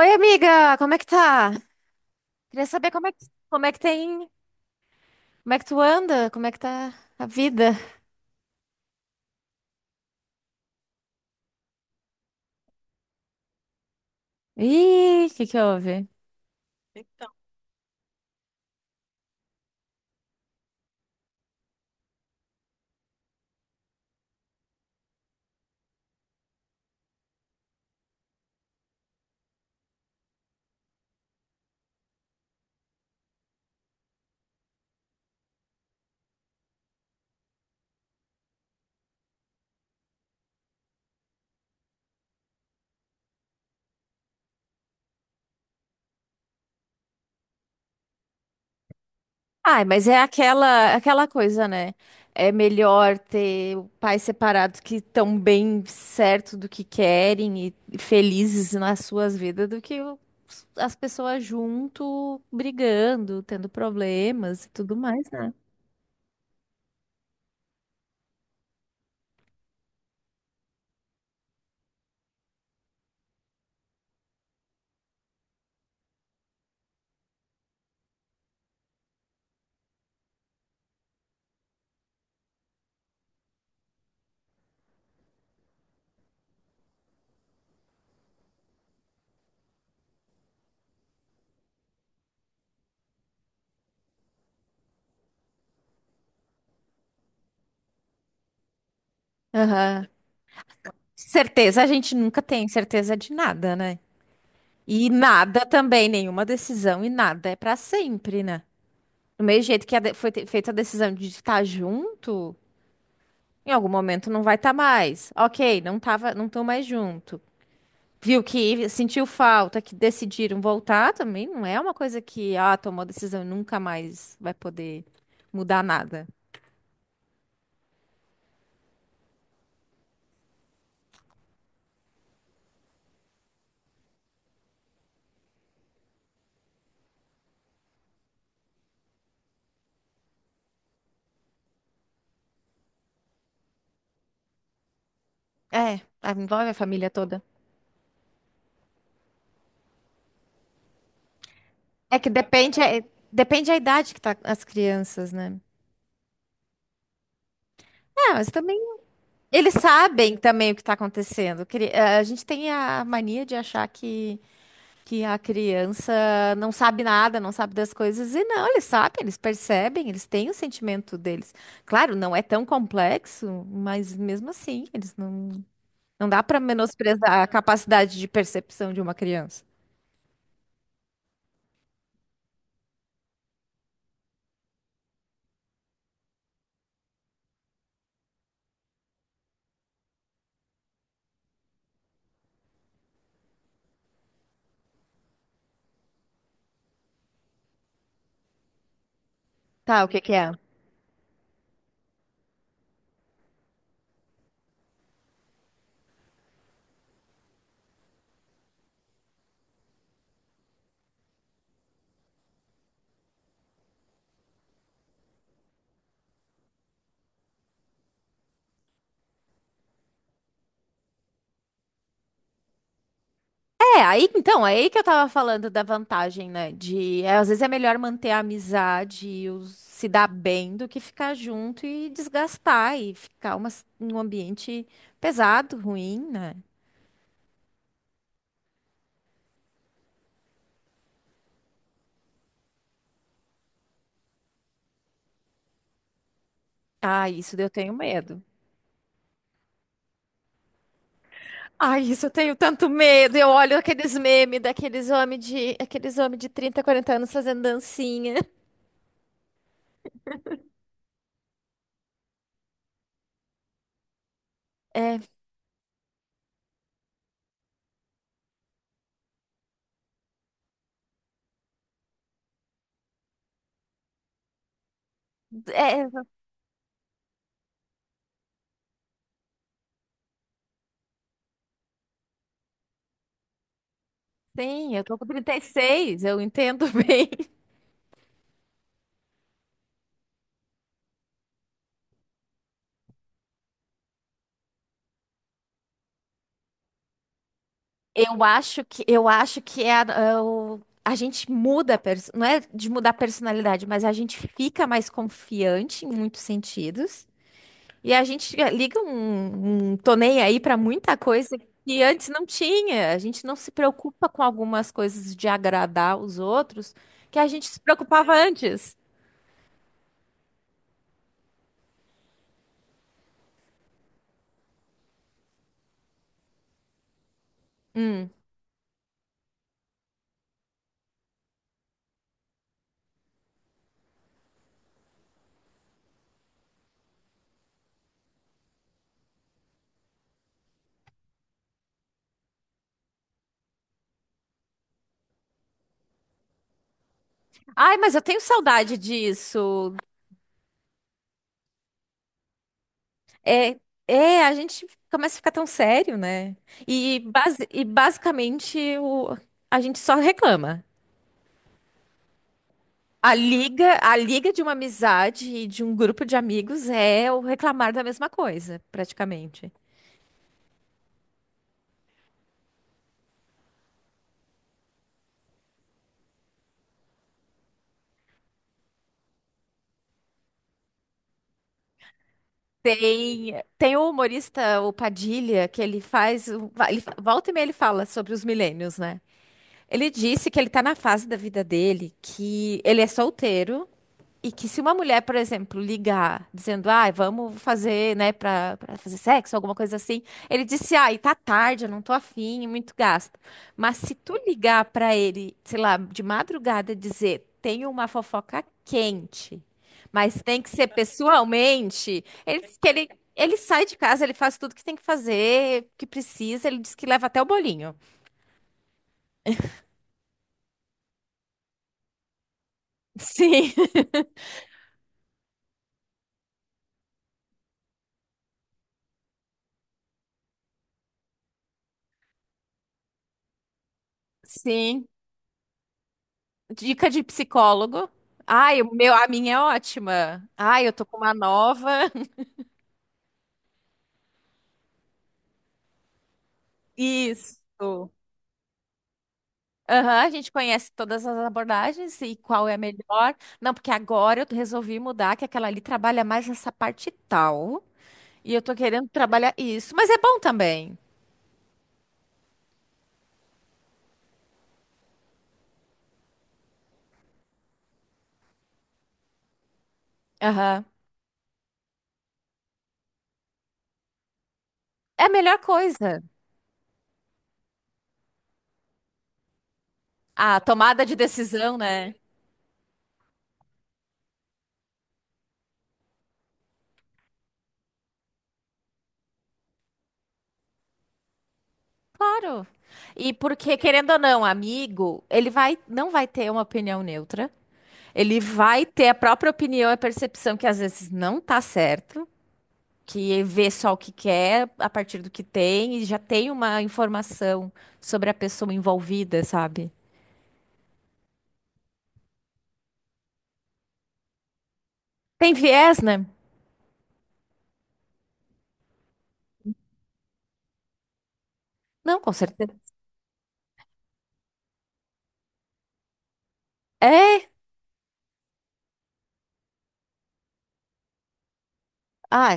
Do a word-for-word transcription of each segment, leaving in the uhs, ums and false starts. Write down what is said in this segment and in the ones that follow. Oi, amiga, como é que tá? Queria saber como é que, como é que tem, como é que tu anda, como é que tá a vida? Ih, o que que houve? Ai, mas é aquela aquela coisa, né? É melhor ter o pais separados que estão bem certo do que querem e e felizes nas suas vidas do que o- as pessoas junto brigando, tendo problemas e tudo mais, né? Aham. Certeza a gente nunca tem certeza de nada, né? E nada também, nenhuma decisão e nada é pra sempre, né? Do mesmo jeito que a de- foi te- feita a decisão de estar junto, em algum momento não vai estar mais. Ok, não tava, não estão mais junto. Viu que sentiu falta, que decidiram voltar também, não é uma coisa que, ah, tomou decisão e nunca mais vai poder mudar nada. É, a- envolve a família toda. É que depende, é- depende a idade que tá as crianças, né? É, mas também eles sabem também o que está acontecendo. Cri- eh, A gente tem a mania de achar que, que a criança não sabe nada, não sabe das coisas. E não, eles sabem, eles percebem, eles têm o sentimento deles. Claro, não é tão complexo, mas mesmo assim, eles não, não dá para menosprezar a capacidade de percepção de uma criança. Tá, o que que é? É, aí então, é aí que eu tava falando da vantagem, né? De é, às vezes é melhor manter a amizade e os- se dar bem do que ficar junto e desgastar e ficar uma, um ambiente pesado, ruim, né? Ah, isso eu tenho medo. Ai, isso eu tenho tanto medo. Eu olho aqueles memes daqueles homens de, aqueles homem de trinta, quarenta anos fazendo dancinha. É, é, sim, eu tô com trinta e seis, eu entendo bem. Eu acho que eu acho que é a, é o- a gente muda, a pers- não é de mudar a personalidade, mas a gente fica mais confiante em muitos sentidos. E a gente eh, liga um, um tô nem aí pra muita coisa que antes não tinha. A gente não se preocupa com algumas coisas de agradar os outros que a gente se preocupava antes. Ai, mas eu tenho saudade disso. É, é, a gente começa a ficar tão sério, né? E, basi- e basicamente o- a gente só reclama. A liga, a liga de uma amizade e de um grupo de amigos é o reclamar da mesma coisa, praticamente. Tem, tem o humorista, o Padilha, que ele faz. o- ele, volta e meia ele fala sobre os milênios, né? Ele disse que ele tá na fase da vida dele, que ele é solteiro. E que se uma mulher, por exemplo, ligar dizendo, ai, vamos fazer, né, pra, pra fazer sexo, alguma coisa assim, ele disse, ai, tá tarde, eu não tô afim, muito gasto. Mas se tu ligar pra ele, sei lá, de madrugada e dizer, tenho uma fofoca quente, mas tem que ser pessoalmente, ele diz que ele, ele sai de casa, ele faz tudo que tem que fazer, que precisa, ele diz que leva até o bolinho. Sim, sim. Dica de psicólogo. Ai, o meu, a minha é ótima. Ai, eu tô com uma nova. Isso. Aham, a gente conhece todas as abordagens e qual é a melhor. Não, porque agora eu resolvi mudar, que aquela ali trabalha mais essa parte tal. E eu tô querendo trabalhar isso. Mas é bom também. Aham. É a melhor coisa. A tomada de decisão, né? Claro. E porque, querendo ou não, amigo, ele vai, não vai ter uma opinião neutra. Ele vai ter a própria opinião e a percepção que às vezes não tá certo, que vê só o que quer a partir do que tem e já tem uma informação sobre a pessoa envolvida, sabe? Tem viés, né? Não, com certeza. É. Ah,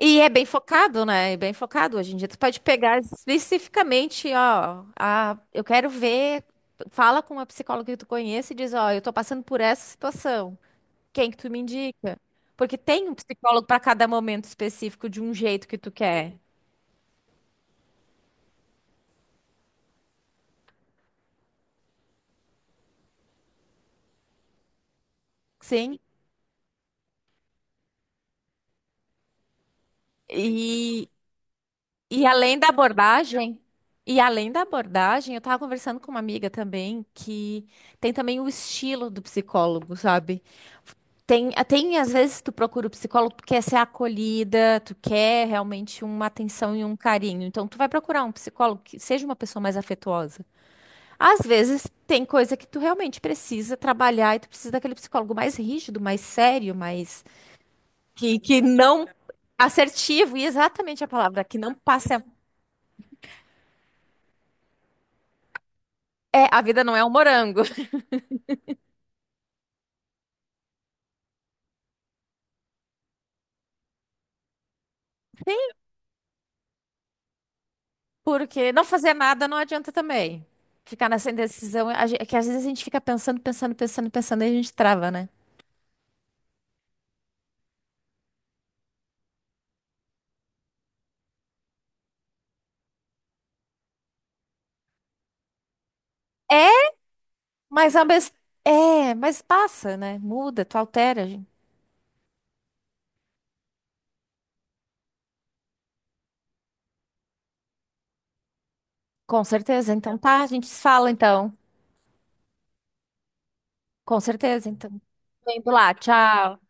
e é bem focado, né? É bem focado. Hoje em dia tu pode pegar especificamente, ó, a, eu quero ver, fala com uma psicóloga que tu conhece e diz, ó, eu tô passando por essa situação. Quem que tu me indica? Porque tem um psicólogo para cada momento específico de um jeito que tu quer. Sim. E, e além da abordagem, e além da abordagem, eu tava conversando com uma amiga também que tem também o estilo do psicólogo, sabe? Tem, tem às vezes tu procura o psicólogo, tu quer ser acolhida, tu quer realmente uma atenção e um carinho. Então tu vai procurar um psicólogo que seja uma pessoa mais afetuosa. Às vezes tem coisa que tu realmente precisa trabalhar e tu precisa daquele psicólogo mais rígido, mais sério, mais que, que não assertivo, e exatamente a palavra que não passa. É, a vida não é um morango. Porque não fazer nada não adianta também. Ficar nessa indecisão, a gen- é que às vezes a gente fica pensando, pensando, pensando, pensando e a gente trava, né? É, mas a mes... é, mas passa, né? Muda, tu altera, gente. Com certeza. Então tá, a gente se fala então. Com certeza, então. Vem lá, tchau.